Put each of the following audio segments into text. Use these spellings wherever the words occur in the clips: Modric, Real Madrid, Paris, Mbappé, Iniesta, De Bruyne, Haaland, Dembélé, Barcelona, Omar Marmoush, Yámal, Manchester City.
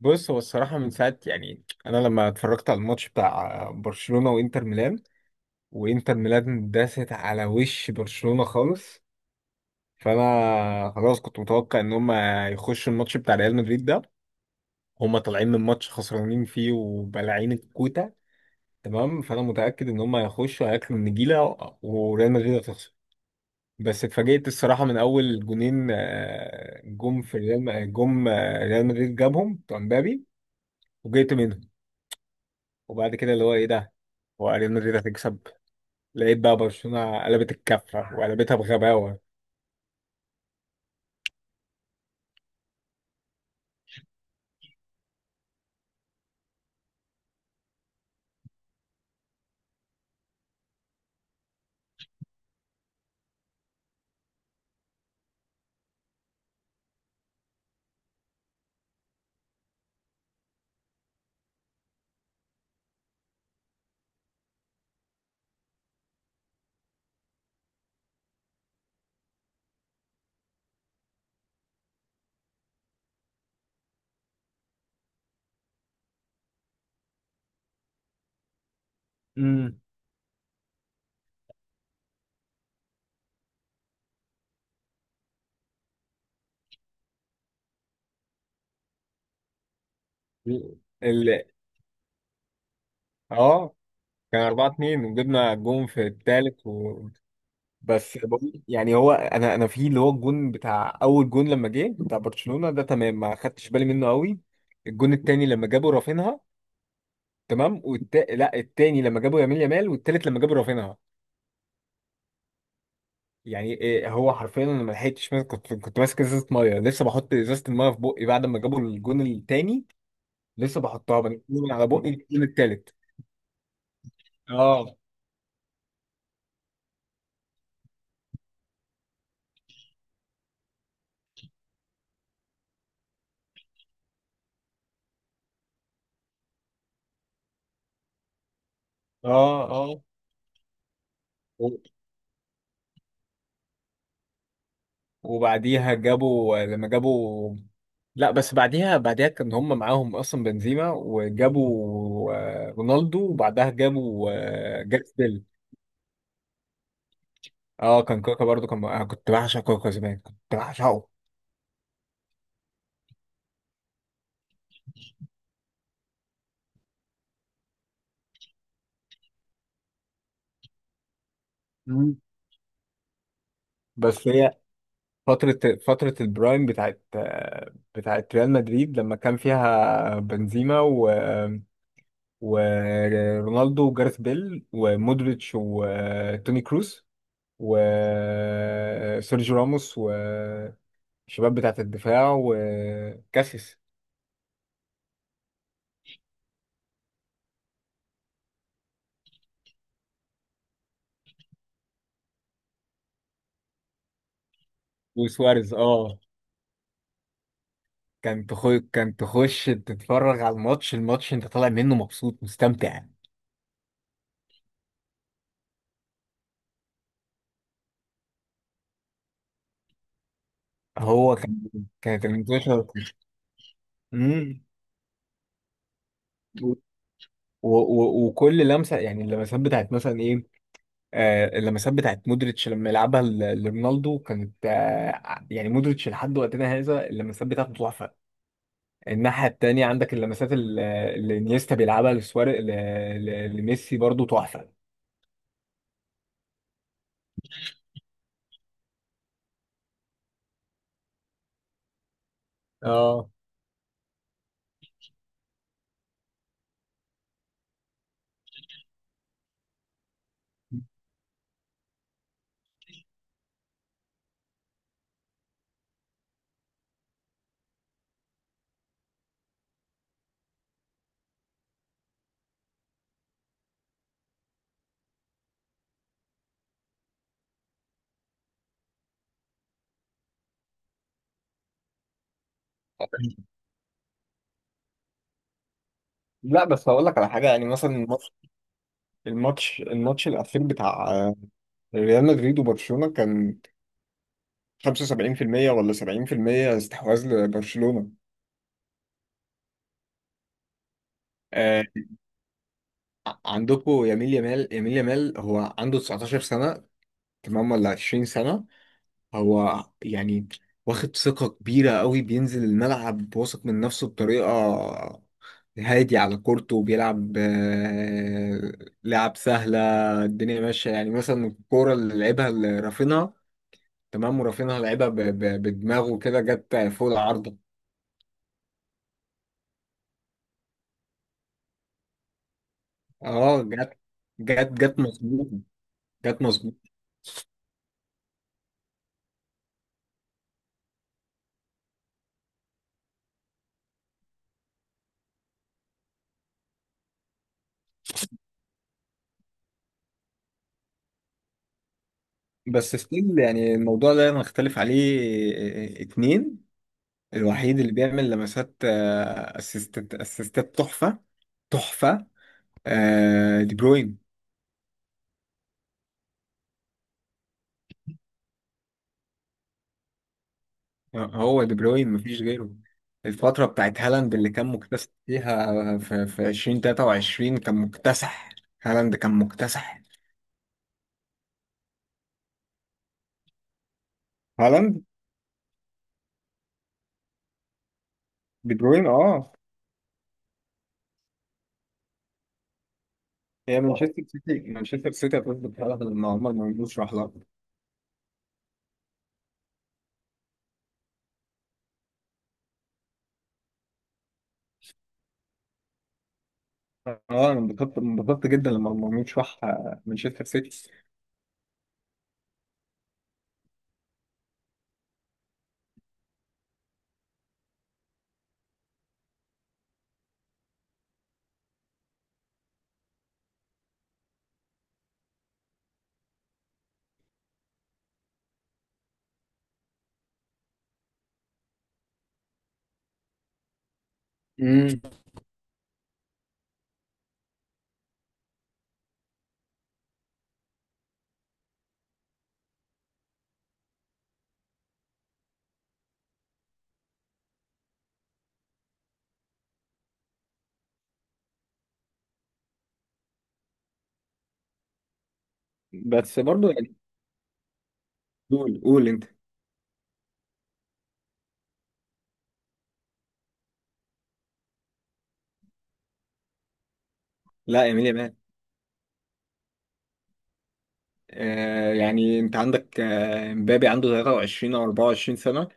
بص هو الصراحة من ساعة يعني، أنا لما اتفرجت على الماتش بتاع برشلونة وإنتر ميلان داست على وش برشلونة خالص. فأنا خلاص كنت متوقع إن هما يخشوا الماتش بتاع ريال مدريد ده، هما طالعين من ماتش خسرانين فيه وبلاعين الكوتة. تمام، فأنا متأكد إن هما هيخشوا هياكلوا النجيلة وريال مدريد هتخسر. بس اتفاجئت الصراحة من أول جونين جم في ريال، جم ريال مدريد جابهم بتوع مبابي وجيت منهم. وبعد كده اللي هو ايه ده، هو ريال مدريد هتكسب. لقيت بقى برشلونة قلبت الكفة وقلبتها بغباوة. امم ال... اه، كان 4-2 وجبنا جون في الثالث يعني هو، انا في اللي هو الجون بتاع، اول جون لما جه بتاع برشلونة ده، تمام، ما خدتش بالي منه قوي. الجون الثاني لما جابوا رافينها، تمام، لا، الثاني لما جابوا يامال، والثالث لما جابوا رافينها. يعني إيه، هو حرفيا انا ما لحقتش ماسك- كنت ماسك ازازه ميه، لسه بحط ازازه الميه في بقي بعد ما جابوا الجون التاني، لسه بحطها بنقل من على بقي الجون التالت. اه. اه. اه. و- وبعديها لما جابوا، لا، بس بعديها، كان هم معاهم اصلا بنزيما، وجابوا رونالدو، وبعدها جابوا جاريث بيل. اه، كان كوكا برضو، كان انا كنت بعشق كوكا زمان، كنت بعشقه. مم. بس هي فترة فترة البرايم بتاعت ريال مدريد، لما كان فيها بنزيما، و ورونالدو وجارث بيل ومودريتش وتوني كروس وسيرجيو راموس، والشباب بتاعت الدفاع، وكاسيس وسواريز. اه، كان تخش تتفرج على الماتش، انت طالع منه مبسوط مستمتع. هو كان كانت الماتش و و وكل لمسه، يعني اللمسات بتاعت مثلا ايه، آه، اللمسات بتاعت مودريتش لما يلعبها لرونالدو كانت آه، يعني مودريتش لحد وقتنا هذا اللمسات بتاعته تحفه. الناحيه التانيه عندك اللمسات اللي انيستا بيلعبها لسواري، لميسي برضو تحفه. اه. لا، بس هقول لك على حاجه، يعني مثلا الماتش الماتش الاخير بتاع ريال مدريد وبرشلونة كان 75% ولا 70% استحواذ لبرشلونة. آه، عندكم يميل يمال، هو عنده 19 سنة، تمام، ولا 20 سنة. هو يعني واخد ثقة كبيرة قوي، بينزل الملعب واثق من نفسه بطريقة هادي على كورته، وبيلعب لعب سهلة، الدنيا ماشية. يعني مثلا الكورة اللي لعبها لرافينها، تمام، ورافينها لعبها بدماغه كده، جت فوق العارضة. اه، جت، جت مظبوط، جت مظبوط. بس ستيل يعني الموضوع ده نختلف عليه. اتنين، الوحيد اللي بيعمل لمسات، اسيستات تحفة، تحفة، دي بروين. هو دي بروين مفيش غيره. الفترة بتاعت هالاند اللي كان مكتسح فيها، في 2023 كان مكتسح، هالاند كان مكتسح. هالاند، دي بروين، اه. هي مانشستر سيتي هتظبط هالاند لما عمر مرموش راح لها. اه، انا انبسطت جدا لما مرموش راح مانشستر سيتي. امم بس برضو يعني. قول، قول انت. لا، يميل يامال. آه يعني انت عندك مبابي عنده 23 او 24 سنه،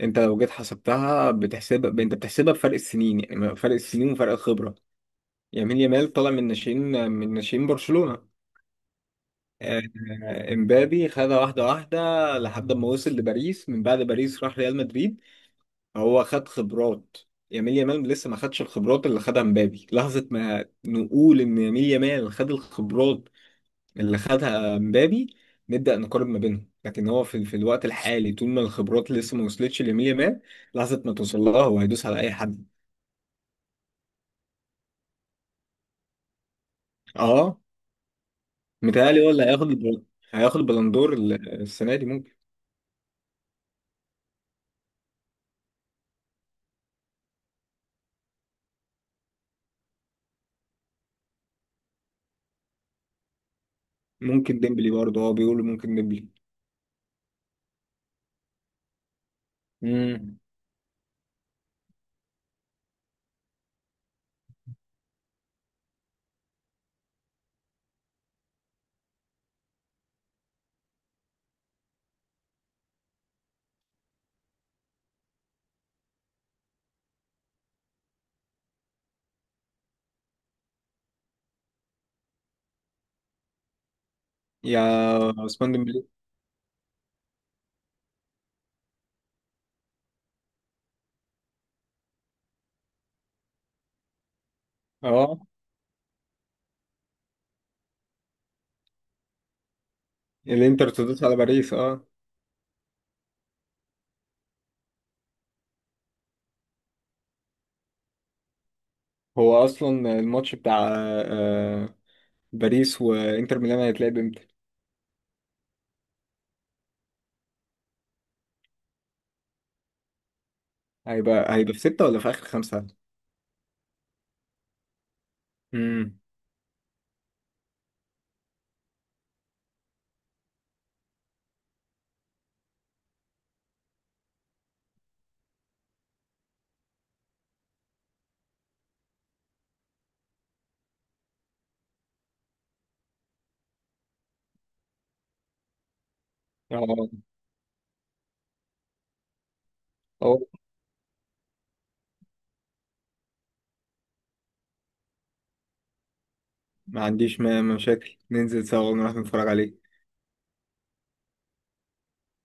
انت لو جيت حسبتها بتحسب، انت بتحسبها بفرق السنين، يعني فرق السنين وفرق الخبره. يميل يامال طالع من ناشئين، من ناشئين برشلونه. آه، امبابي خدها واحده واحده لحد ما وصل لباريس، من بعد باريس راح ريال مدريد، هو خد خبرات. يميل يامال لسه ما خدش الخبرات اللي خدها مبابي. لحظة ما نقول إن يميل يامال خد الخبرات اللي خدها مبابي، نبدأ نقارن ما بينهم. لكن هو في الوقت الحالي، طول ما الخبرات لسه ما وصلتش لمية مان، لحظة ما توصل لها، هو هيدوس على أي حد. اه، متهيألي هو اللي هياخد البلندور السنة دي، ممكن، ممكن ديمبلي برضه. اه، بيقولوا ممكن ديمبلي. امم، يا عثمان ديمبلي. اه، الانتر تدوس على باريس، اه. هو اصلا الماتش بتاع آه باريس وانتر ميلان هيتلعب امتى؟ هيبقى في ستة ولا في آخر خمسة؟ امم. اه، ما عنديش مشاكل، ننزل سوا ونروح نتفرج عليه.